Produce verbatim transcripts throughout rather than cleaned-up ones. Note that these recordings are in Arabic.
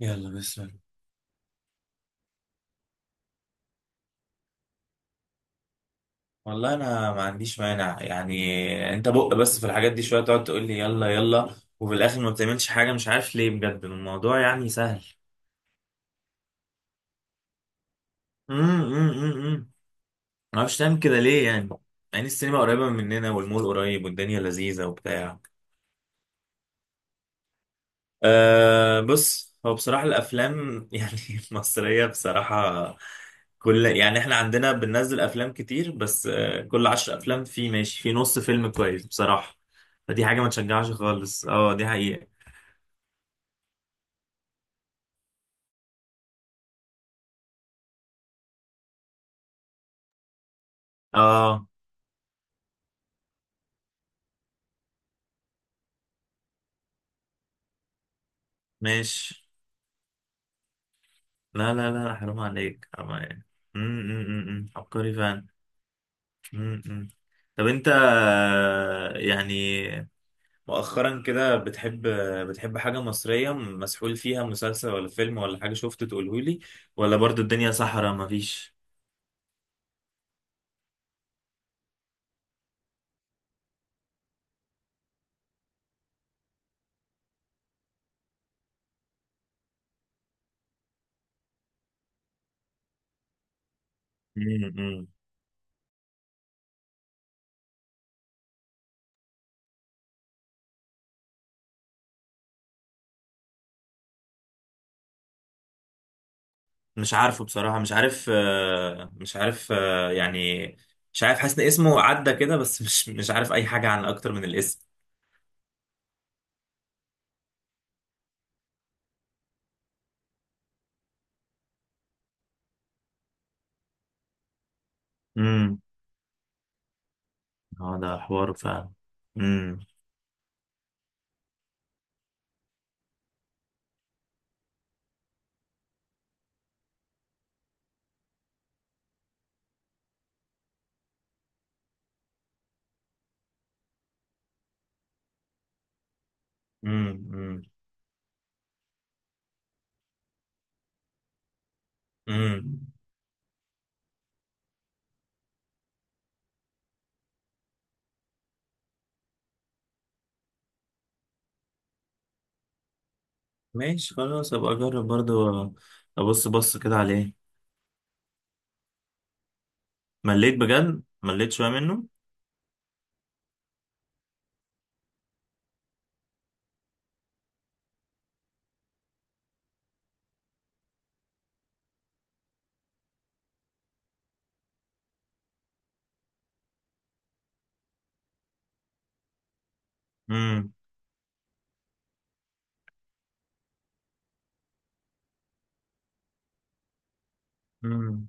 يلا بسم الله. والله انا ما عنديش مانع، يعني انت بق، بس في الحاجات دي شويه تقعد تقول لي يلا يلا وفي الاخر ما بتعملش حاجه. مش عارف ليه بجد، الموضوع يعني سهل. امم، امم، امم. ما اعرفش تعمل كده ليه، يعني. يعني السينما قريبه مننا والمول قريب والدنيا لذيذه وبتاع. أه، بص، هو بصراحة الأفلام يعني المصرية بصراحة، كل يعني احنا عندنا بننزل أفلام كتير بس أه كل عشر أفلام في ماشي في نص فيلم كويس بصراحة. فدي حاجة ما تشجعش خالص، اه دي حقيقة. اه ماشي. لا لا لا، حرام عليك، حرام عليك. أم، أم، أم، أم. عبقري فعلا. أم، أم. طب انت، آه، يعني مؤخرا كده بتحب بتحب حاجة مصرية مسحول فيها، مسلسل ولا فيلم ولا حاجة شفته تقولهولي؟ ولا برضو الدنيا صحراء مفيش؟ مم، مم. مش عارفه بصراحة. مش عارف آه، مش عارف، آه، يعني مش عارف، حاسس ان اسمه عدى كده بس مش مش عارف اي حاجة عن اكتر من الاسم. امم. اه ده حوار فعلا. امم. امم، امم. ماشي خلاص، ابقى اجرب برضو. ابص بص كده عليه. مليت بجد، مليت شوية منه. امم.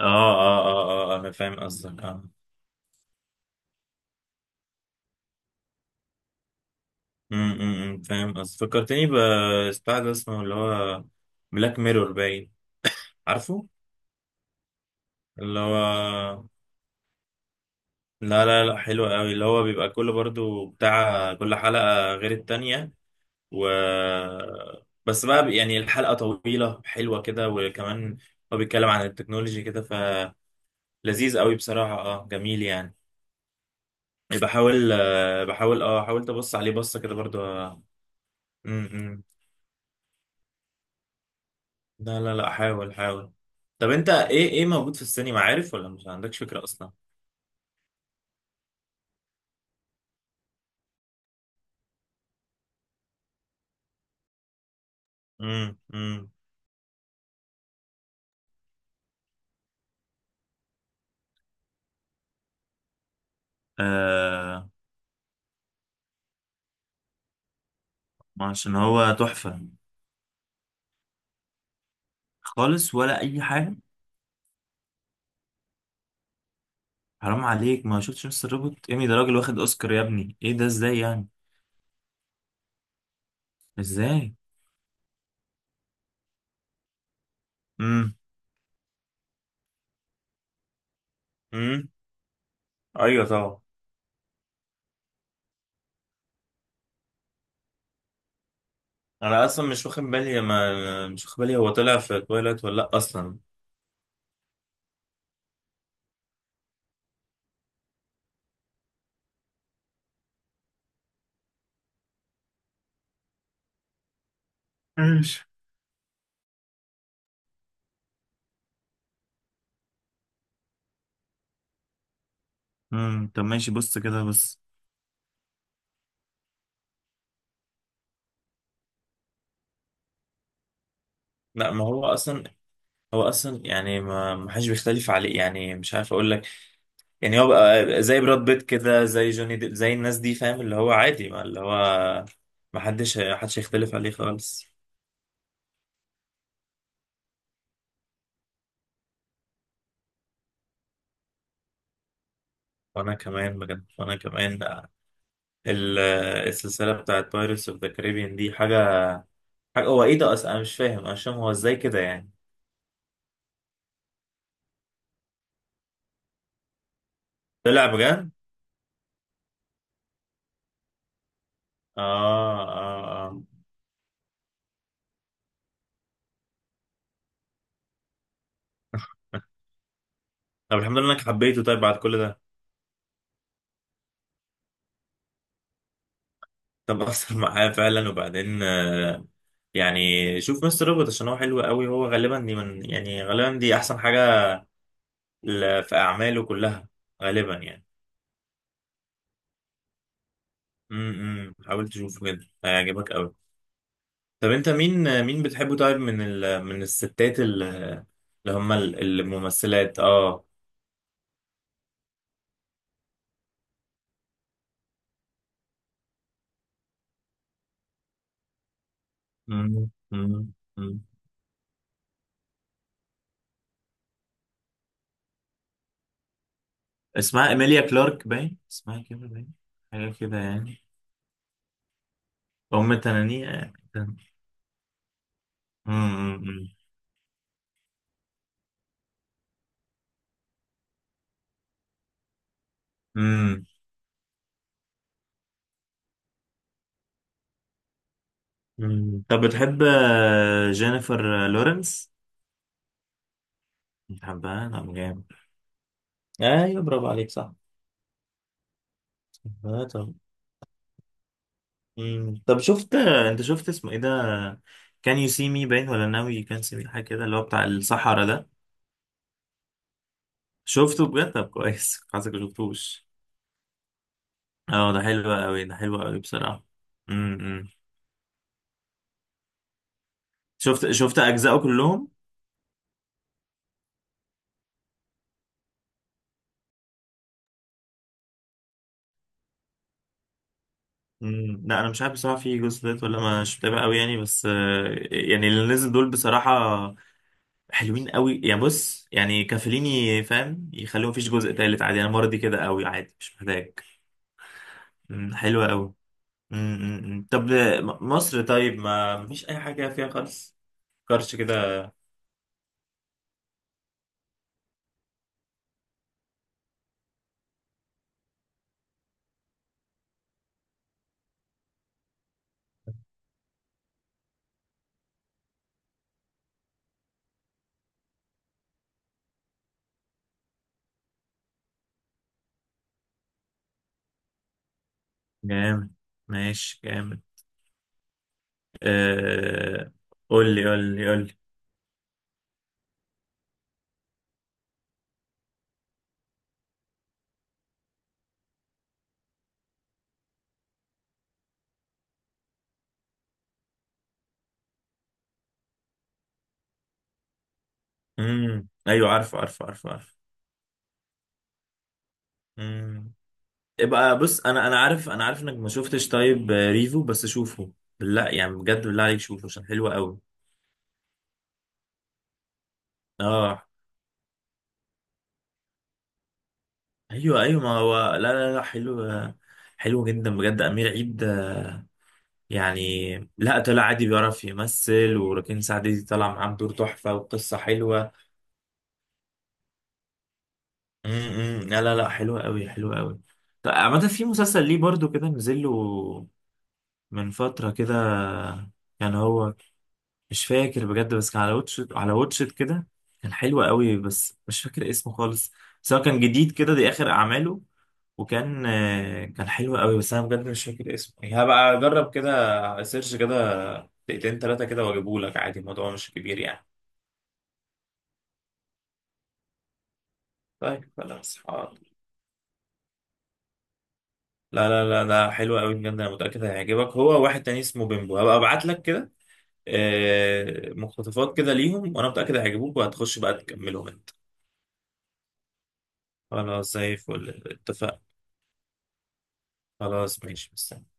اه اه اه اه، آه، انا فاهم قصدك، اه. أمم، أمم، أمم، فاهم قصدك. فكرتني ببتاع ده اسمه اللي هو بلاك ميرور، باين. عارفه؟ اللي هو، لا لا لا، حلو قوي. اللي هو بيبقى كل، برضو بتاع، كل حلقة غير التانية، و، بس بقى بي- يعني الحلقة طويلة حلوة كده. وكمان هو بيتكلم عن التكنولوجي كده، فلذيذ قوي بصراحة، اه جميل يعني. بحاول آه، بحاول اه حاولت ابص عليه بصة كده برضو، آه. أمم، أمم. لا لا لا، حاول، حاول. طب انت ايه ايه موجود في السينما؟ عارف ولا مش عندكش فكرة اصلا؟ امم، امم. آه، ما عشان هو تحفة خالص، ولا اي حاجة. حرام عليك، ما شفتش مستر روبوت؟ ايمي ده، راجل واخد اوسكار يا ابني، ايه ده، ازاي يعني؟ ازاي؟ امم، امم. ايوه طبعا. انا اصلا مش واخد بالي، ما مش واخد بالي، هو طلع في تويلايت ولا لا اصلا؟ ماشي. امم. طب ماشي، بص كده بس. لا ما هو اصلا، هو اصلا يعني ما ما حدش بيختلف عليه. يعني مش عارف اقول لك، يعني هو بقى زي براد بيت كده، زي جوني ديب، زي الناس دي، فاهم؟ اللي هو عادي، ما اللي هو، ما حدش حدش يختلف عليه خالص. وانا كمان بجد، وانا كمان. ال- السلسله بتاعت بايرتس اوف ذا كاريبيان دي، حاجه، حاجه، هو ايه ده اصلا؟ انا مش فاهم انا مش فاهم هو ازاي كده يعني. طلع بجد. اه اه اه. طب الحمد لله انك حبيته طيب بعد كل ده. طب اثر معايا فعلا. وبعدين آه، يعني شوف مستر روبوت عشان هو حلو قوي. هو غالبا دي، من يعني غالبا دي احسن حاجه ل- في أعماله كلها، غالبا يعني. امم، حاول تشوفه كده هيعجبك قوي. طب أنت مين مين بتحبه؟ طيب من ال... من الستات، ال- اللي هم ال- الممثلات، اه. مم. مم. مم. اسمها إيميليا كلارك، باين اسمها كده، باين. حاجة كده يعني. أم تنانية يعني. مم. مم. مم. مم. طب بتحب آه، جينيفر لورنس؟ بتحبها؟ طب جامد. ايوه، برافو عليك، صح. آه، طب. مم. طب شفت انت شفت اسمه ايه ده، كان يو سي مي باين، ولا ناوي يو كان سي مي، حاجه كده، اللي هو بتاع الصحراء ده؟ شفته بجد؟ طب كويس حاسسك ما شفتوش. اه ده حلو قوي، ده حلو قوي بصراحه. امم. شفت شفت اجزائه كلهم؟ امم. لا انا مش عارف بصراحه في جزء تالت ولا، ما مش متابع قوي يعني، بس آه، يعني اللي نزل دول بصراحه حلوين قوي يعني. بص يعني كافليني، فاهم؟ يخليهم، مفيش جزء تالت عادي، انا مرضي كده قوي عادي، مش محتاج. مم، حلوه قوي. امم. أمم. طب م- مصر، طيب ما مفيش اي حاجه فيها خالص؟ كرش كده. جامد، ماشي جامد. آه... قول لي، قول لي، قول لي. امم، ايوه عارف، عارف، عارف، عارف. امم. يبقى بص، انا انا عارف، انا عارف انك ما شفتش طيب آه، ريفو، بس شوفه بالله يعني، بجد بالله عليك شوفه عشان حلو قوي. اه، ايوه ايوه. ما هو لا لا لا، حلو، آه، حلو جدا بجد. امير عيد، يعني لا طلع عادي، بيعرف يمثل. وركين سعدي دي طلع معاه بدور تحفة، وقصة حلوة. امم، لا لا لا، حلوة قوي، حلوة قوي. طب عامة في مسلسل ليه برضو كده نزل له من فترة كده، كان هو، مش فاكر بجد، بس كان على واتشت، على واتشت كده. كان حلو قوي بس مش فاكر اسمه خالص. بس هو كان جديد كده، دي آخر أعماله. وكان آه، كان حلو قوي، بس انا بجد مش فاكر اسمه. هبقى اجرب كده سيرش كده دقيقتين تلاتة كده واجيبهولك عادي، الموضوع مش كبير يعني. طيب خلاص، حاضر. لا لا لا ده حلو قوي بجد، انا متاكد هيعجبك. هو واحد تاني اسمه بيمبو، هبقى ابعت لك كده آه، مقتطفات كده ليهم، وانا متاكد هيعجبوك، وهتخش بقى تكملهم انت. خلاص زي الفل، اتفقنا. خلاص ماشي، بس.